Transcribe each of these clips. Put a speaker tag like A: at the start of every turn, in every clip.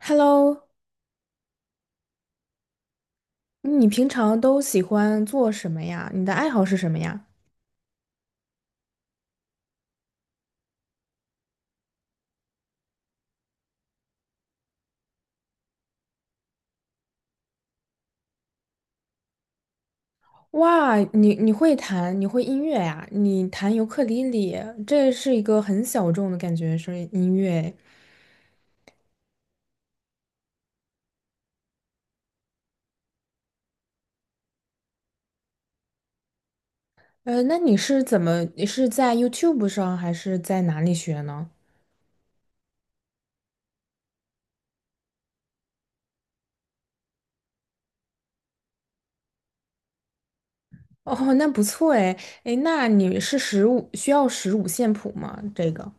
A: Hello，嗯你平常都喜欢做什么呀？你的爱好是什么呀？哇，你会弹，你会音乐呀？你弹尤克里里，这是一个很小众的感觉，是音乐。那你是怎么？你是在 YouTube 上还是在哪里学呢？哦，那不错哎，哎，那你是十五，需要十五线谱吗？这个。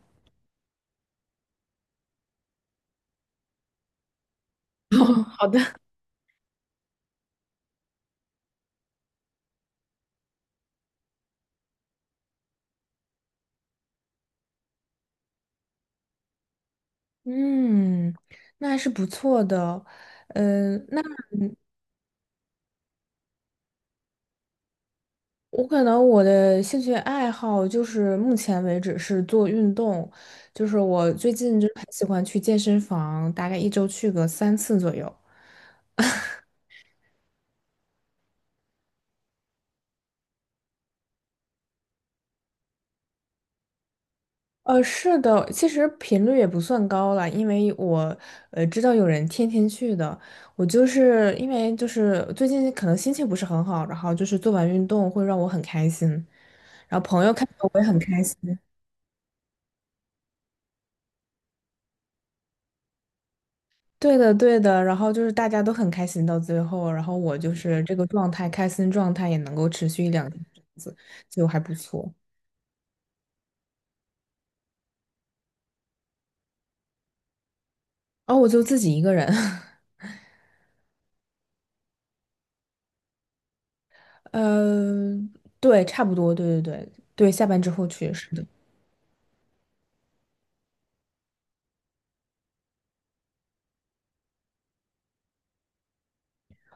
A: 哦，好的。嗯，那还是不错的。嗯、那。我可能我的兴趣爱好就是目前为止是做运动，就是我最近就很喜欢去健身房，大概一周去个3次左右。是的，其实频率也不算高了，因为我知道有人天天去的，我就是因为就是最近可能心情不是很好，然后就是做完运动会让我很开心，我也很开心。对的，对的，然后就是大家都很开心到最后，然后我就是这个状态，开心状态也能够持续一两天这样子，就还不错。哦，我就自己一个人，呃，对，差不多，对对对对，下班之后去是的。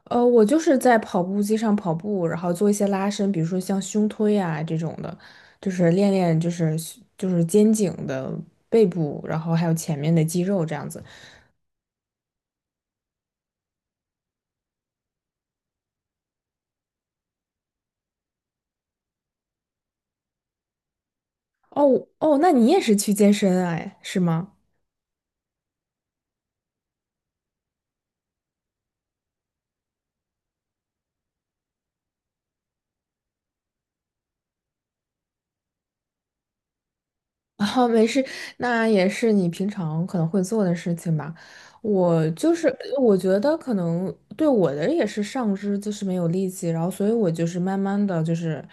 A: 我就是在跑步机上跑步，然后做一些拉伸，比如说像胸推啊这种的，就是练练就是肩颈的背部，然后还有前面的肌肉这样子。哦哦，那你也是去健身啊哎，是吗？啊，没事，那也是你平常可能会做的事情吧。我就是，我觉得可能对我的也是上肢就是没有力气，然后所以我就是慢慢的就是，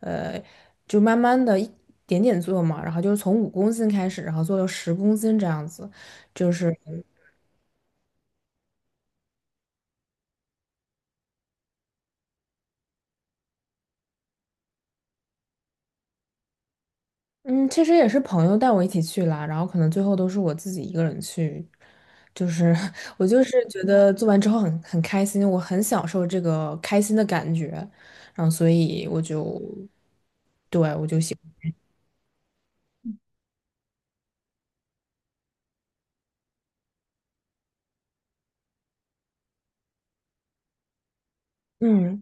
A: 呃，就慢慢的一点点做嘛，然后就是从5公斤开始，然后做到10公斤这样子，就是。嗯，其实也是朋友带我一起去啦，然后可能最后都是我自己一个人去，就是 我就是觉得做完之后很开心，我很享受这个开心的感觉，然后所以我就，对，我就喜欢。嗯。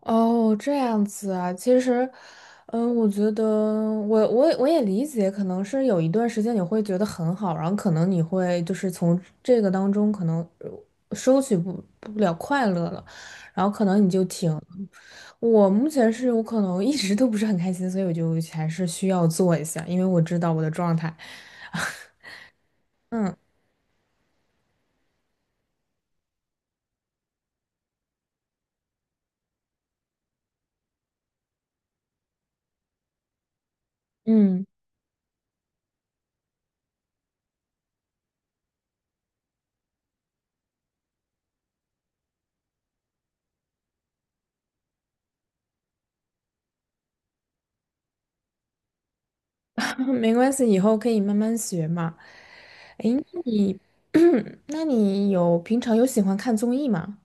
A: 哦，这样子啊，其实，嗯，我觉得我也理解，可能是有一段时间你会觉得很好，然后可能你会就是从这个当中可能收取不了快乐了，然后可能你就挺，我目前是我可能一直都不是很开心，所以我就还是需要做一下，因为我知道我的状态。嗯嗯，没关系，以后可以慢慢学嘛。诶，那你，那你有平常有喜欢看综艺吗？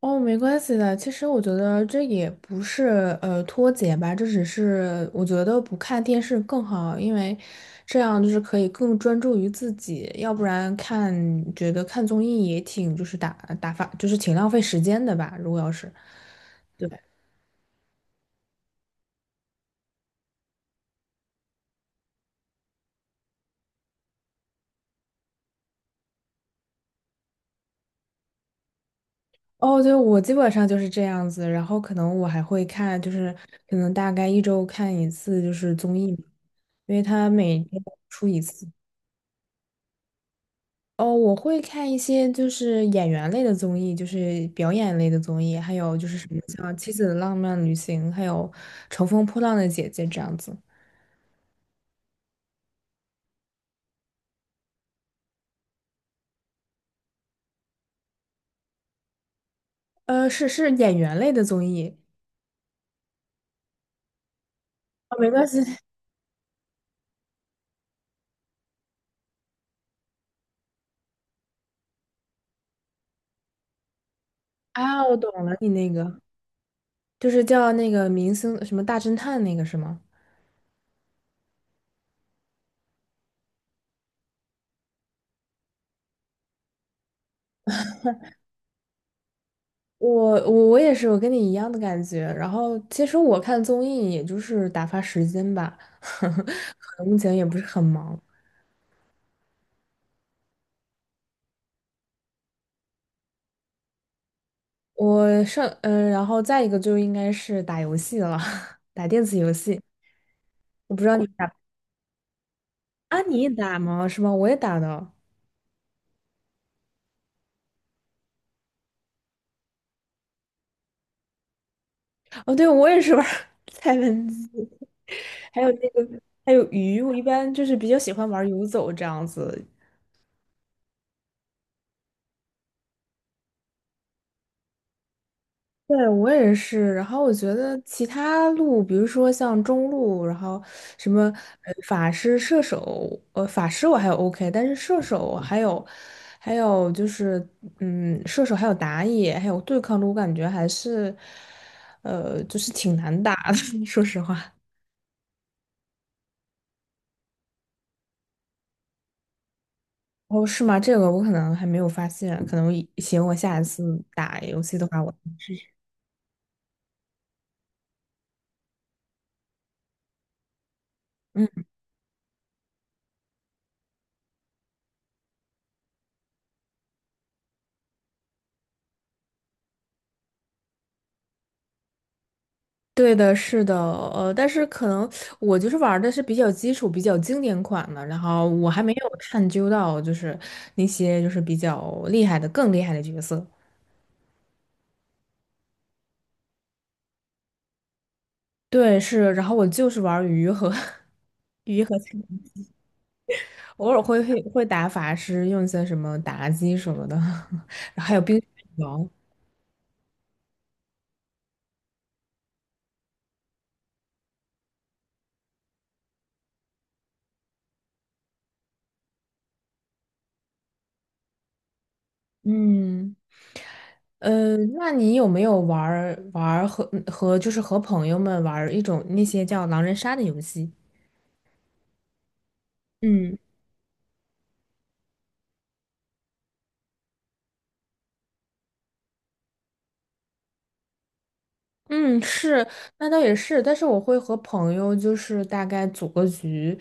A: 哦，没关系的。其实我觉得这也不是脱节吧，这只是我觉得不看电视更好，因为这样就是可以更专注于自己，要不然看觉得看综艺也挺就是打发，就是挺浪费时间的吧。如果要是。对。哦，对，我基本上就是这样子，然后可能我还会看，就是可能大概一周看一次，就是综艺嘛因为它每天出一次。哦，我会看一些就是演员类的综艺，就是表演类的综艺，还有就是什么像《妻子的浪漫旅行》，还有《乘风破浪的姐姐》这样子。是演员类的综艺。哦，没关系啊，我懂了，你那个就是叫那个明星什么大侦探那个是吗？我也是，我跟你一样的感觉。然后其实我看综艺也就是打发时间吧，可能目前也不是很忙。我上然后再一个就应该是打游戏了，打电子游戏。我不知道你打啊，你也打吗？是吗？我也打的。哦，对，我也是玩儿 蔡文姬，还有那个还有鱼。我一般就是比较喜欢玩游走这样子，对，我也是。然后我觉得其他路，比如说像中路，然后什么法师、射手，法师我还有 OK，但是射手还有就是射手还有打野还有对抗路，我感觉还是就是挺难打的，说实话。哦，是吗？这个我可能还没有发现，可能行，我下一次打游戏的话我试试。嗯。对的，是的，但是可能我就是玩儿的是比较基础、比较经典款的，然后我还没有探究到就是那些就是比较厉害的、更厉害的角色。对，是，然后我就是玩儿鱼和 鱼和苍蝇偶尔会打法师，用一些什么妲己什么的，然后还有冰雪女王。嗯，那你有没有玩儿玩儿和就是和朋友们玩儿一种那些叫狼人杀的游戏？嗯。嗯，是，那倒也是，但是我会和朋友就是大概组个局，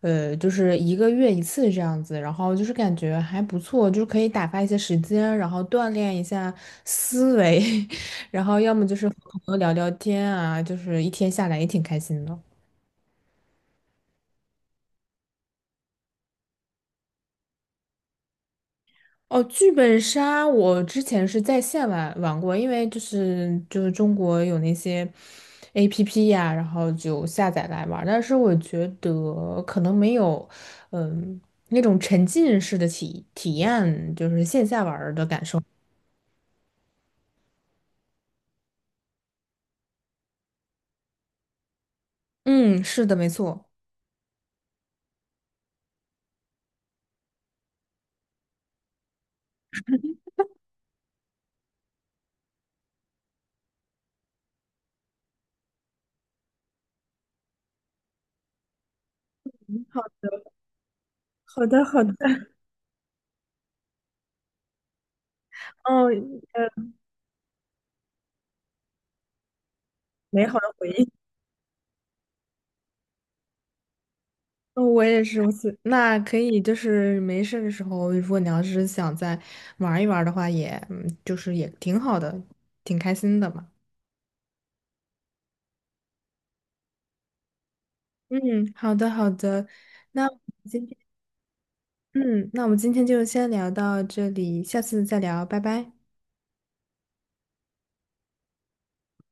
A: 就是一个月一次这样子，然后就是感觉还不错，就是可以打发一些时间，然后锻炼一下思维，然后要么就是和朋友聊聊天啊，就是一天下来也挺开心的。哦，剧本杀我之前是在线玩玩过，因为就是中国有那些 APP 呀、然后就下载来玩儿但是我觉得可能没有，嗯，那种沉浸式的体验，就是线下玩儿的感受。嗯，是的，没错。好好的，好的，哦，呃，美好的回忆。哦我也是如此，我是那可以，就是没事的时候，如果你要是想再玩一玩的话也，嗯就是也挺好的，挺开心的嘛。嗯，好的好的，那我们今天，嗯，那我们今天就先聊到这里，下次再聊，拜拜。